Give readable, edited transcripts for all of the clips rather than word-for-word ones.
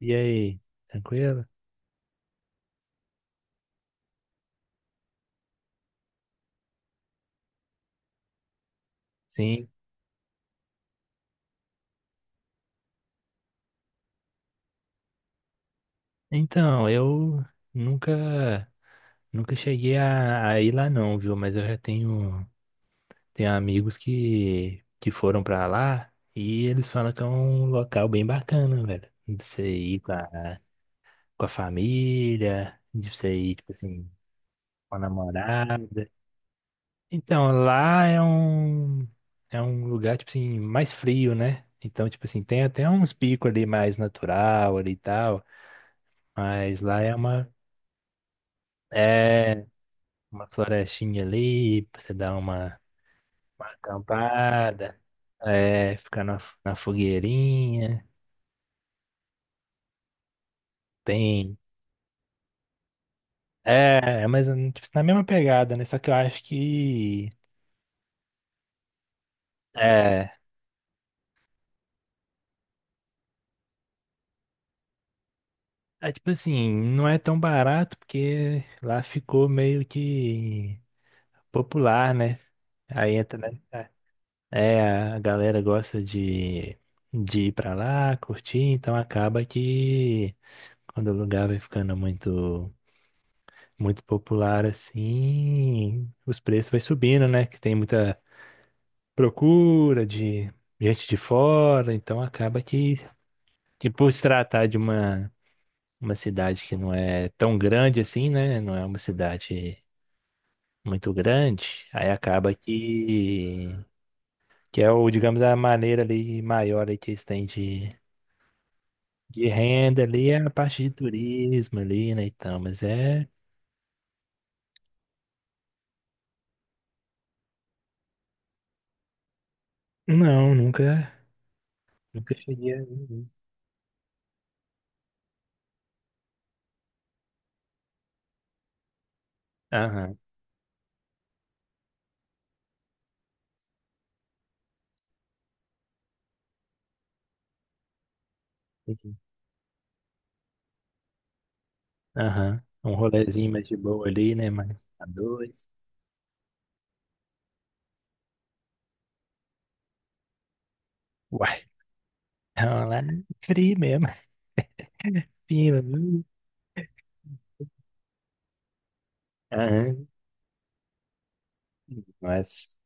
E aí, tranquilo? Sim. Então, eu nunca nunca cheguei a ir lá não, viu? Mas eu já tenho amigos que foram pra lá e eles falam que é um local bem bacana, velho. De você ir com a família, de você ir, tipo assim, com a namorada. Então, lá é um lugar tipo assim mais frio, né? Então, tipo assim, tem até uns picos ali mais natural ali e tal. Mas lá é uma É, uma florestinha ali pra você dar uma acampada, é, ficar na fogueirinha. Tem. É, mas tipo, na mesma pegada, né? Só que eu acho que. É, é tipo assim, não é tão barato porque lá ficou meio que popular, né? Aí entra, né? É, é, a galera gosta de ir pra lá, curtir, então acaba que quando o lugar vai ficando muito. Muito popular assim, os preços vai subindo, né? Que tem muita procura de gente de fora, então acaba que por se tratar de uma cidade que não é tão grande assim, né? Não é uma cidade muito grande, aí acaba que é o, digamos, a maneira ali maior aí que eles têm de renda ali é a parte de turismo ali, né? Então, mas é. Não, nunca, nunca cheguei a ver. Aham. Aham. Um rolezinho mais de boa ali, né? Mais a dois. Uai, vamos lá no frio mesmo. Fino, viu? Aham. Mas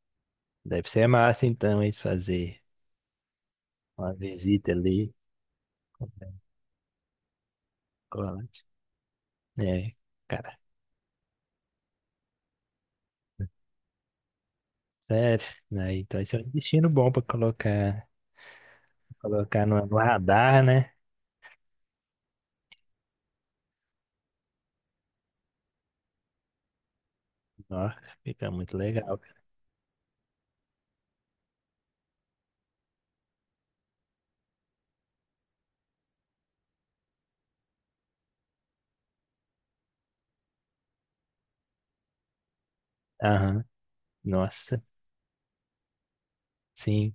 deve ser massa então, eles fazer uma visita ali, comprar um chocolate. É, cara, sério. Né? Então esse é um destino bom pra colocar, colocar no radar, né? Nossa, fica muito legal. Aham. Nossa, sim.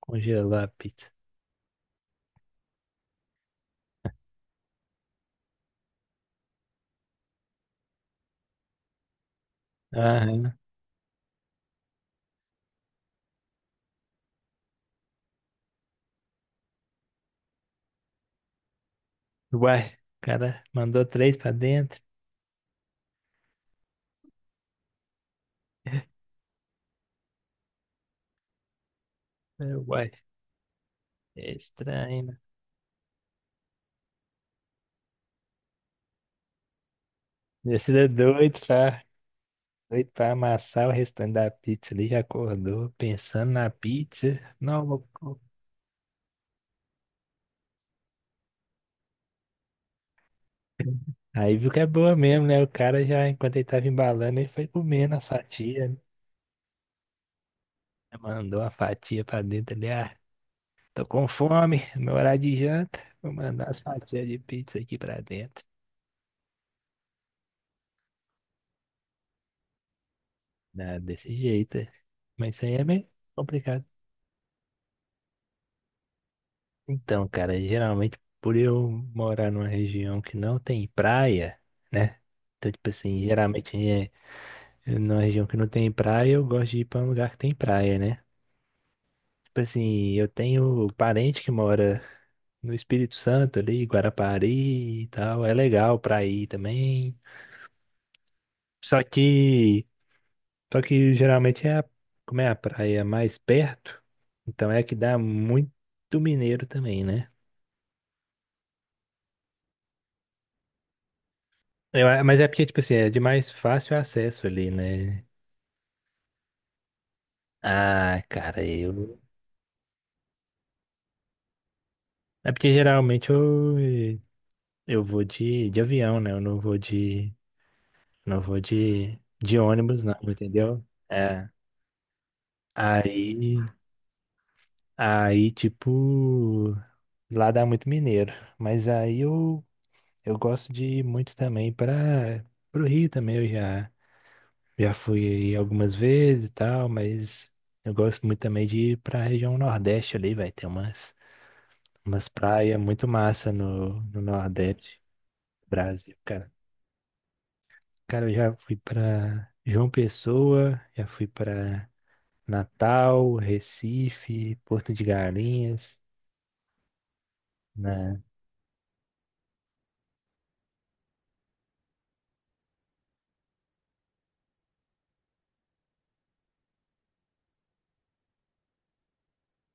Congelar a pizza. Aham. Uai, o cara mandou três pra dentro. É, uai. É estranho, né? Descida é doido pra amassar o restante da pizza ali, já acordou pensando na pizza. Não, vou... co- Aí viu que é boa mesmo, né? O cara já, enquanto ele tava embalando, ele foi comendo as fatias, né? Já mandou a fatia pra dentro ali, ah, tô com fome, meu horário de janta, vou mandar as fatias de pizza aqui pra dentro. Dá desse jeito, é. Mas isso aí é meio complicado. Então, cara, geralmente por eu morar numa região que não tem praia, né? Então, tipo assim, geralmente é numa região que não tem praia, eu gosto de ir pra um lugar que tem praia, né? Tipo assim, eu tenho parente que mora no Espírito Santo ali, Guarapari e tal, é legal pra ir também. Só que, só que geralmente é como é a praia mais perto, então é a que dá muito mineiro também, né? Mas é porque, tipo assim, é de mais fácil acesso ali, né? Ah, cara, eu. É porque geralmente eu vou de avião, né? Eu não vou de. Não vou de ônibus, não, entendeu? É. Aí. Aí, tipo. Lá dá muito mineiro. Mas aí eu, eu gosto de ir muito também para pro Rio também. Já fui aí algumas vezes e tal, mas eu gosto muito também de ir pra região Nordeste ali, vai ter umas. Umas praias muito massa no Nordeste do Brasil, cara. Cara, eu já fui pra João Pessoa, já fui pra Natal, Recife, Porto de Galinhas, né?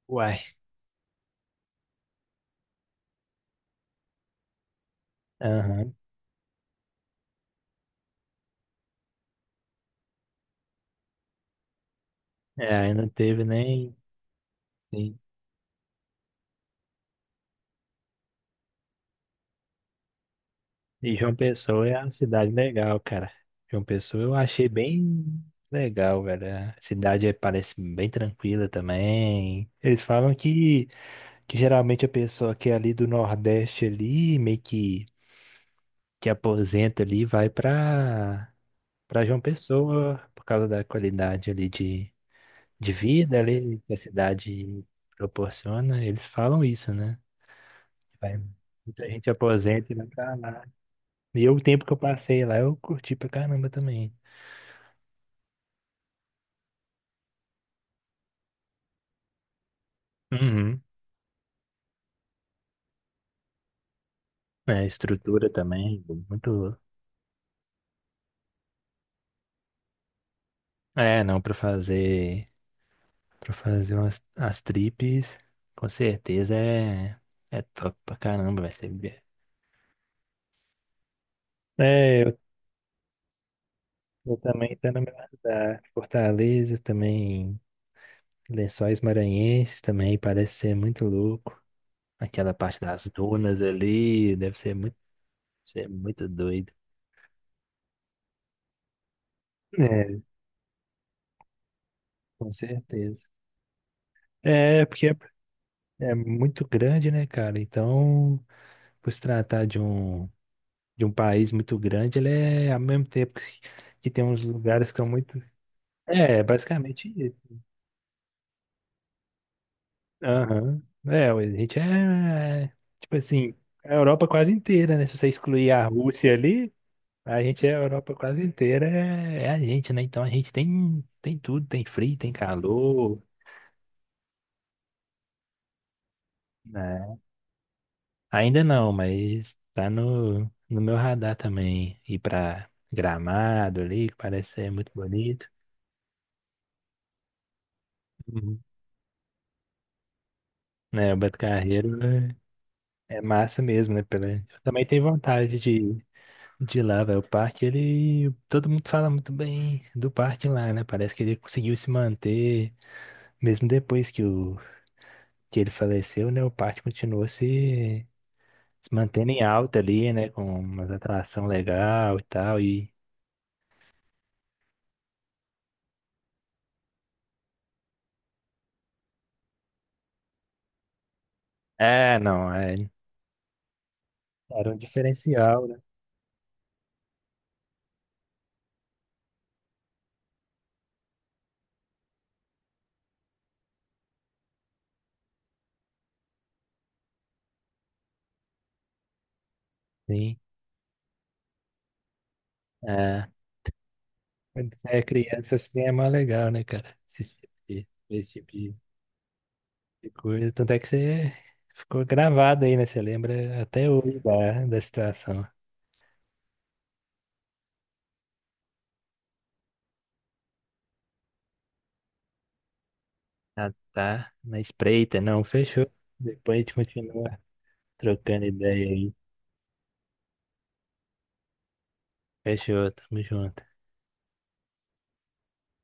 Uai, aham. É, aí não teve nem- E João Pessoa é uma cidade legal, cara. João Pessoa eu achei bem legal, velho. A cidade parece bem tranquila também. Eles falam que geralmente a pessoa que é ali do Nordeste ali, meio que aposenta ali vai para João Pessoa por causa da qualidade ali de vida ali que a cidade proporciona. Eles falam isso, né? Vai, muita gente aposenta e vai pra lá. E eu, o tempo que eu passei lá, eu curti pra caramba também. Uhum. É, a estrutura também, muito. É, não, pra fazer para fazer umas as trips, com certeza é top pra caramba, vai ser. É, eu também tô no meu radar. Fortaleza também, Lençóis Maranhenses também, parece ser muito louco. Aquela parte das dunas ali, deve ser muito doido. É, com certeza. É, porque é muito grande, né, cara? Então, por se tratar de de um país muito grande, ele é, ao mesmo tempo que tem uns lugares que são muito... É, basicamente aham. É, a gente é. É, tipo assim, a Europa quase inteira, né? Se você excluir a Rússia ali, a gente é a Europa quase inteira, é, é a gente, né? Então a gente tem, tem tudo, tem frio, tem calor, né? Ainda não, mas tá no meu radar também. Ir pra Gramado ali, que parece ser muito bonito. Uhum. É, o é massa mesmo, né? Pela... Eu também tenho vontade de ir. De lá, velho, o parque, ele. Todo mundo fala muito bem do parque lá, né? Parece que ele conseguiu se manter, mesmo depois que, o... que ele faleceu, né? O parque continuou se... se mantendo em alta ali, né? Com uma atração legal e tal. E. É, não, é... era um diferencial, né? Sim. É. Quando você é criança, assim, é mais legal, né, cara? Esse tipo de coisa. Tanto é que você ficou gravado aí, né? Você lembra até hoje da situação. Ah, tá. Na espreita, não. Fechou. Depois a gente continua trocando ideia aí. Fechou, tamo junto.